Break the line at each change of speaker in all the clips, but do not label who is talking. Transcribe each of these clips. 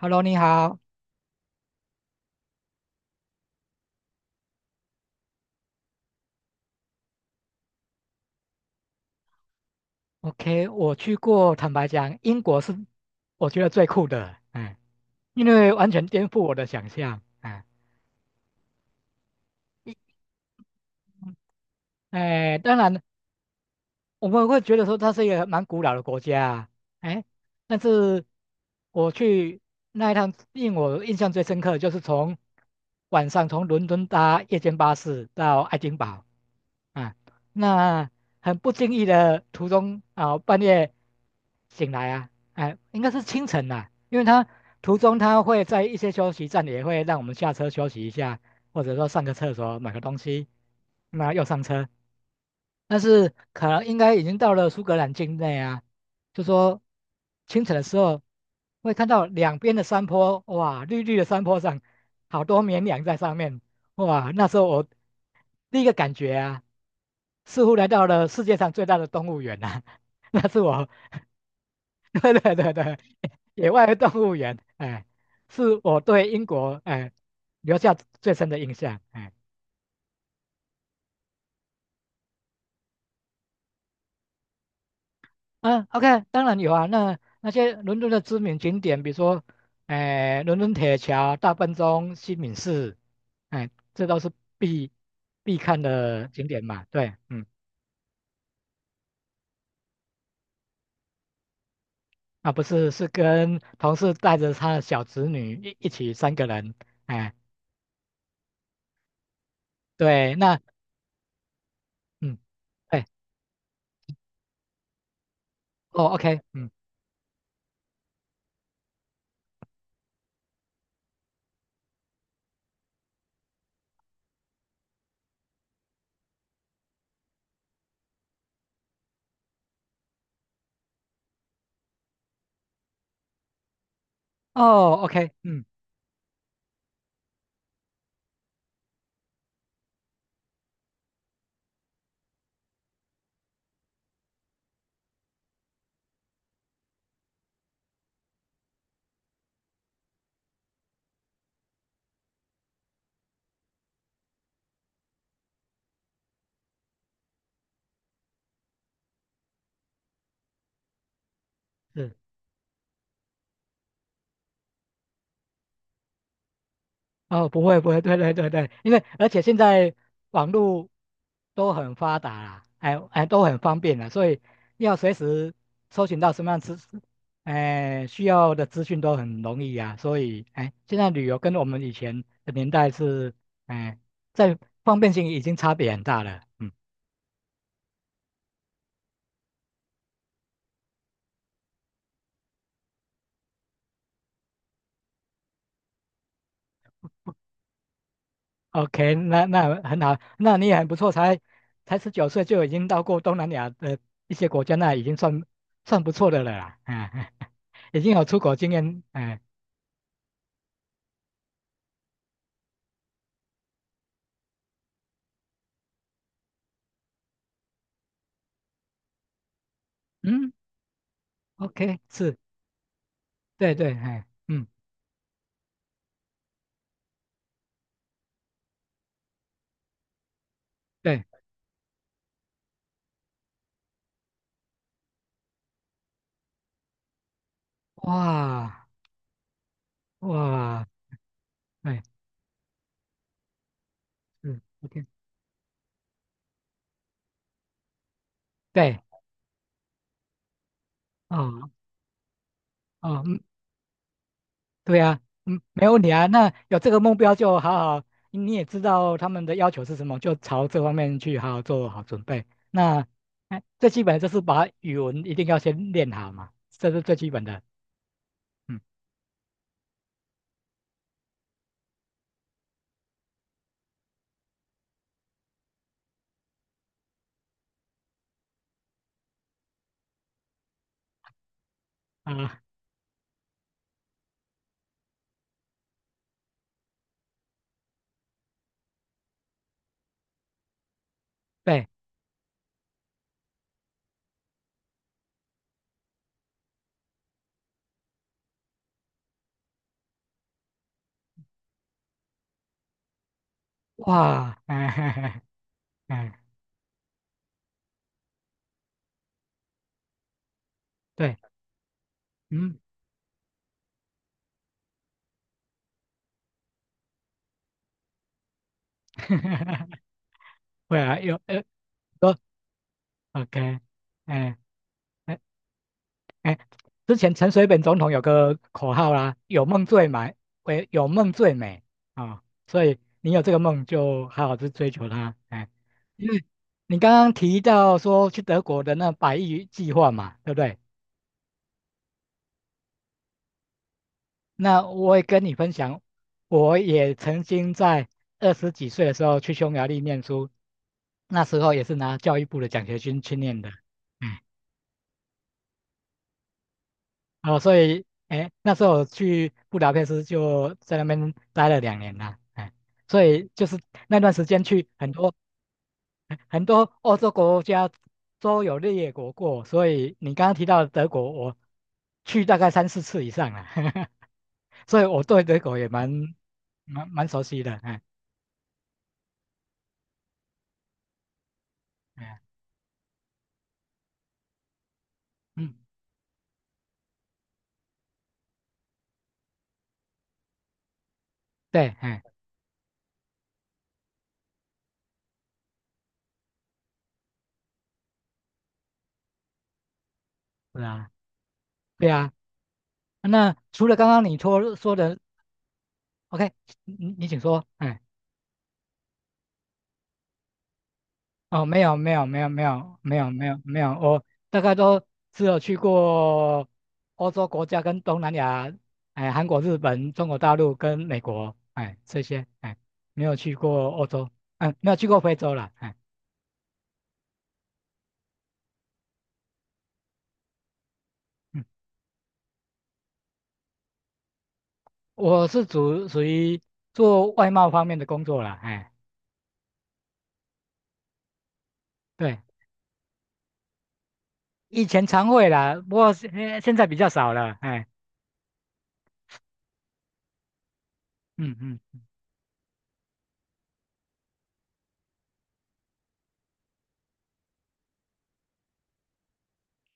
Hello，你好。OK，我去过，坦白讲，英国是我觉得最酷的，因为完全颠覆我的想象，一当然，我们会觉得说它是一个蛮古老的国家啊，哎，但是我去那一趟，令我印象最深刻的就是从晚上从伦敦搭夜间巴士到爱丁堡。啊，那很不经意的途中啊，半夜醒来啊，应该是清晨啦、因为他途中会在一些休息站也会让我们下车休息一下，或者说上个厕所买个东西，那又上车。但是可能应该已经到了苏格兰境内啊，就说清晨的时候会看到两边的山坡，哇，绿绿的山坡上好多绵羊在上面，哇，那时候我第一个感觉啊，似乎来到了世界上最大的动物园啊，那是我，对对对对，野外动物园，是我对英国留下最深的印象。嗯，OK，当然有啊。那些伦敦的知名景点，比如说，伦敦铁桥、大笨钟、西敏寺，这都是必必看的景点嘛。对，嗯，啊，不是，是跟同事带着他的小侄女一起三个人，哎，对，那嗯，哎，哦，OK，嗯，哦，OK，嗯，是。哦，不会不会，对对对对，因为而且现在网络都很发达啦，都很方便了，所以要随时搜寻到什么样资需要的资讯都很容易啊，所以现在旅游跟我们以前的年代是哎在方便性已经差别很大了，嗯。OK，那很好，那你也很不错，才19岁就已经到过东南亚的一些国家，那已经算不错的了啦，已经有出国经验，嗯，OK，是，对对，哎，嗯，对，哇哇，哎，嗯，OK，对，哦哦，嗯对啊，嗯，没问题啊。那有这个目标就好好，你也知道他们的要求是什么，就朝这方面去好好做好准备。那，最基本的就是把语文一定要先练好嘛，这是最基本的。嗯啊，对，哇，哎，哎，对，嗯，会啊，有说 OK，哎。哎哎，之前陈水扁总统有个口号啦，有梦最美，喂，有梦最美啊、所以你有这个梦就好好去追求它，因为你刚刚提到说去德国的那百亿计划嘛，对不对？那我也跟你分享，我也曾经在20几岁的时候去匈牙利念书，那时候也是拿教育部的奖学金去念的，哎哦，所以，那时候我去布达佩斯就在那边待了两年啦，所以就是那段时间去很多很多欧洲国家都有列国过，所以你刚刚提到的德国，我去大概三四次以上了，所以我对德国也蛮熟悉的，哎，哎，嗯，对，哎，是啊，对啊，那除了刚刚你说的，OK，你请说。哦，没有没有没有没有没有没有没有，我大概都只有去过欧洲国家跟东南亚，韩国、日本、中国大陆跟美国，这些，没有去过欧洲，嗯、没有去过非洲啦，嗯，我是属于做外贸方面的工作啦，对，以前常会啦，不过现在比较少了，嗯嗯，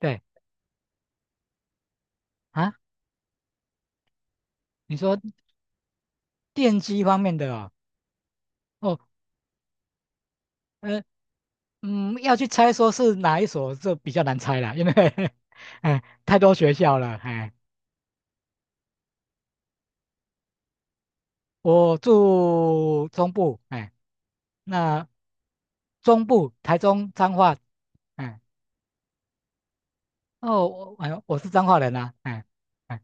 对啊，你说电机方面的哦，哦，呃，嗯，要去猜说是哪一所，这比较难猜啦，因为 太多学校了，我住中部，那中部台中彰化，哎，哦，我是彰化人啊，哎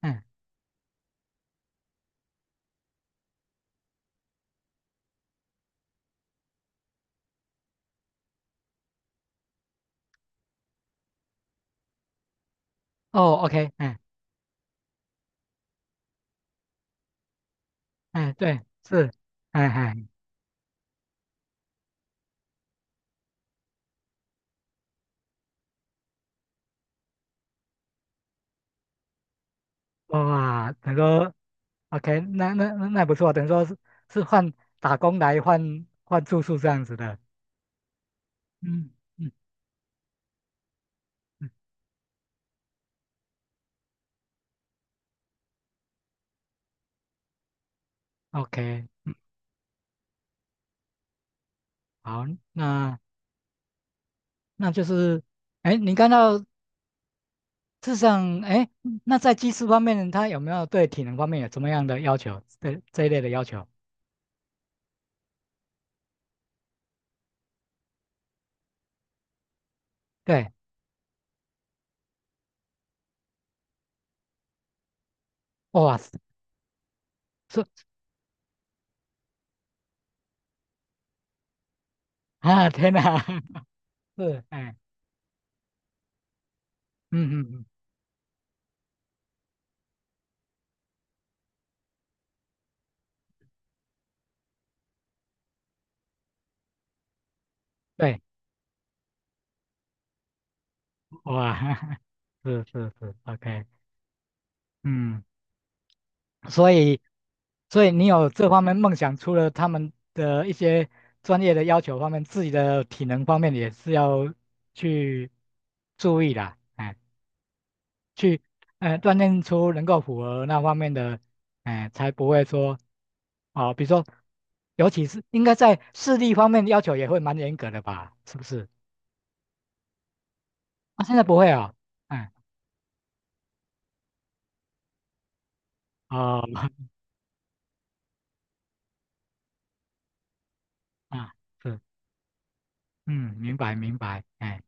哎，哦，OK，对，是，哎哎，哇，等于说 OK，那不错，等于说是换打工来换住宿这样子的，嗯嗯嗯，OK，嗯好，那。那就是，你看到事实上，那在技术方面，他有没有对体能方面有什么样的要求？对这一类的要求？对，哇，是 啊，天哪，是，嗯嗯嗯，对，哇，是是是，OK，嗯，所以，所以你有这方面梦想，除了他们的一些专业的要求方面，自己的体能方面也是要去注意的。去，锻炼出能够符合那方面的，才不会说，哦，比如说，尤其是应该在视力方面要求也会蛮严格的吧，是不是？啊，现在不会哦，嗯，哦，啊，是，嗯，明白明白，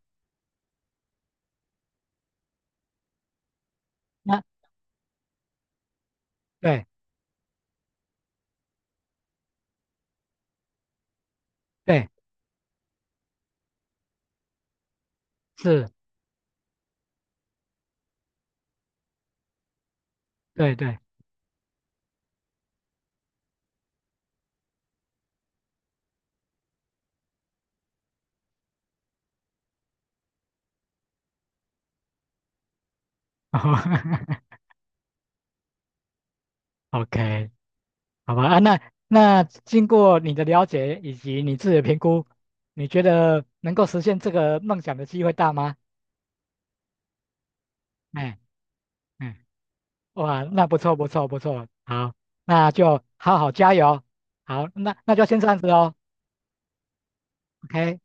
那对对是，对对 哦，OK，好吧啊，那经过你的了解以及你自己的评估，你觉得能够实现这个梦想的机会大吗？哎、嗯。哇，那不错不错不错，好，那就好好加油，好，那就先这样子哦，OK。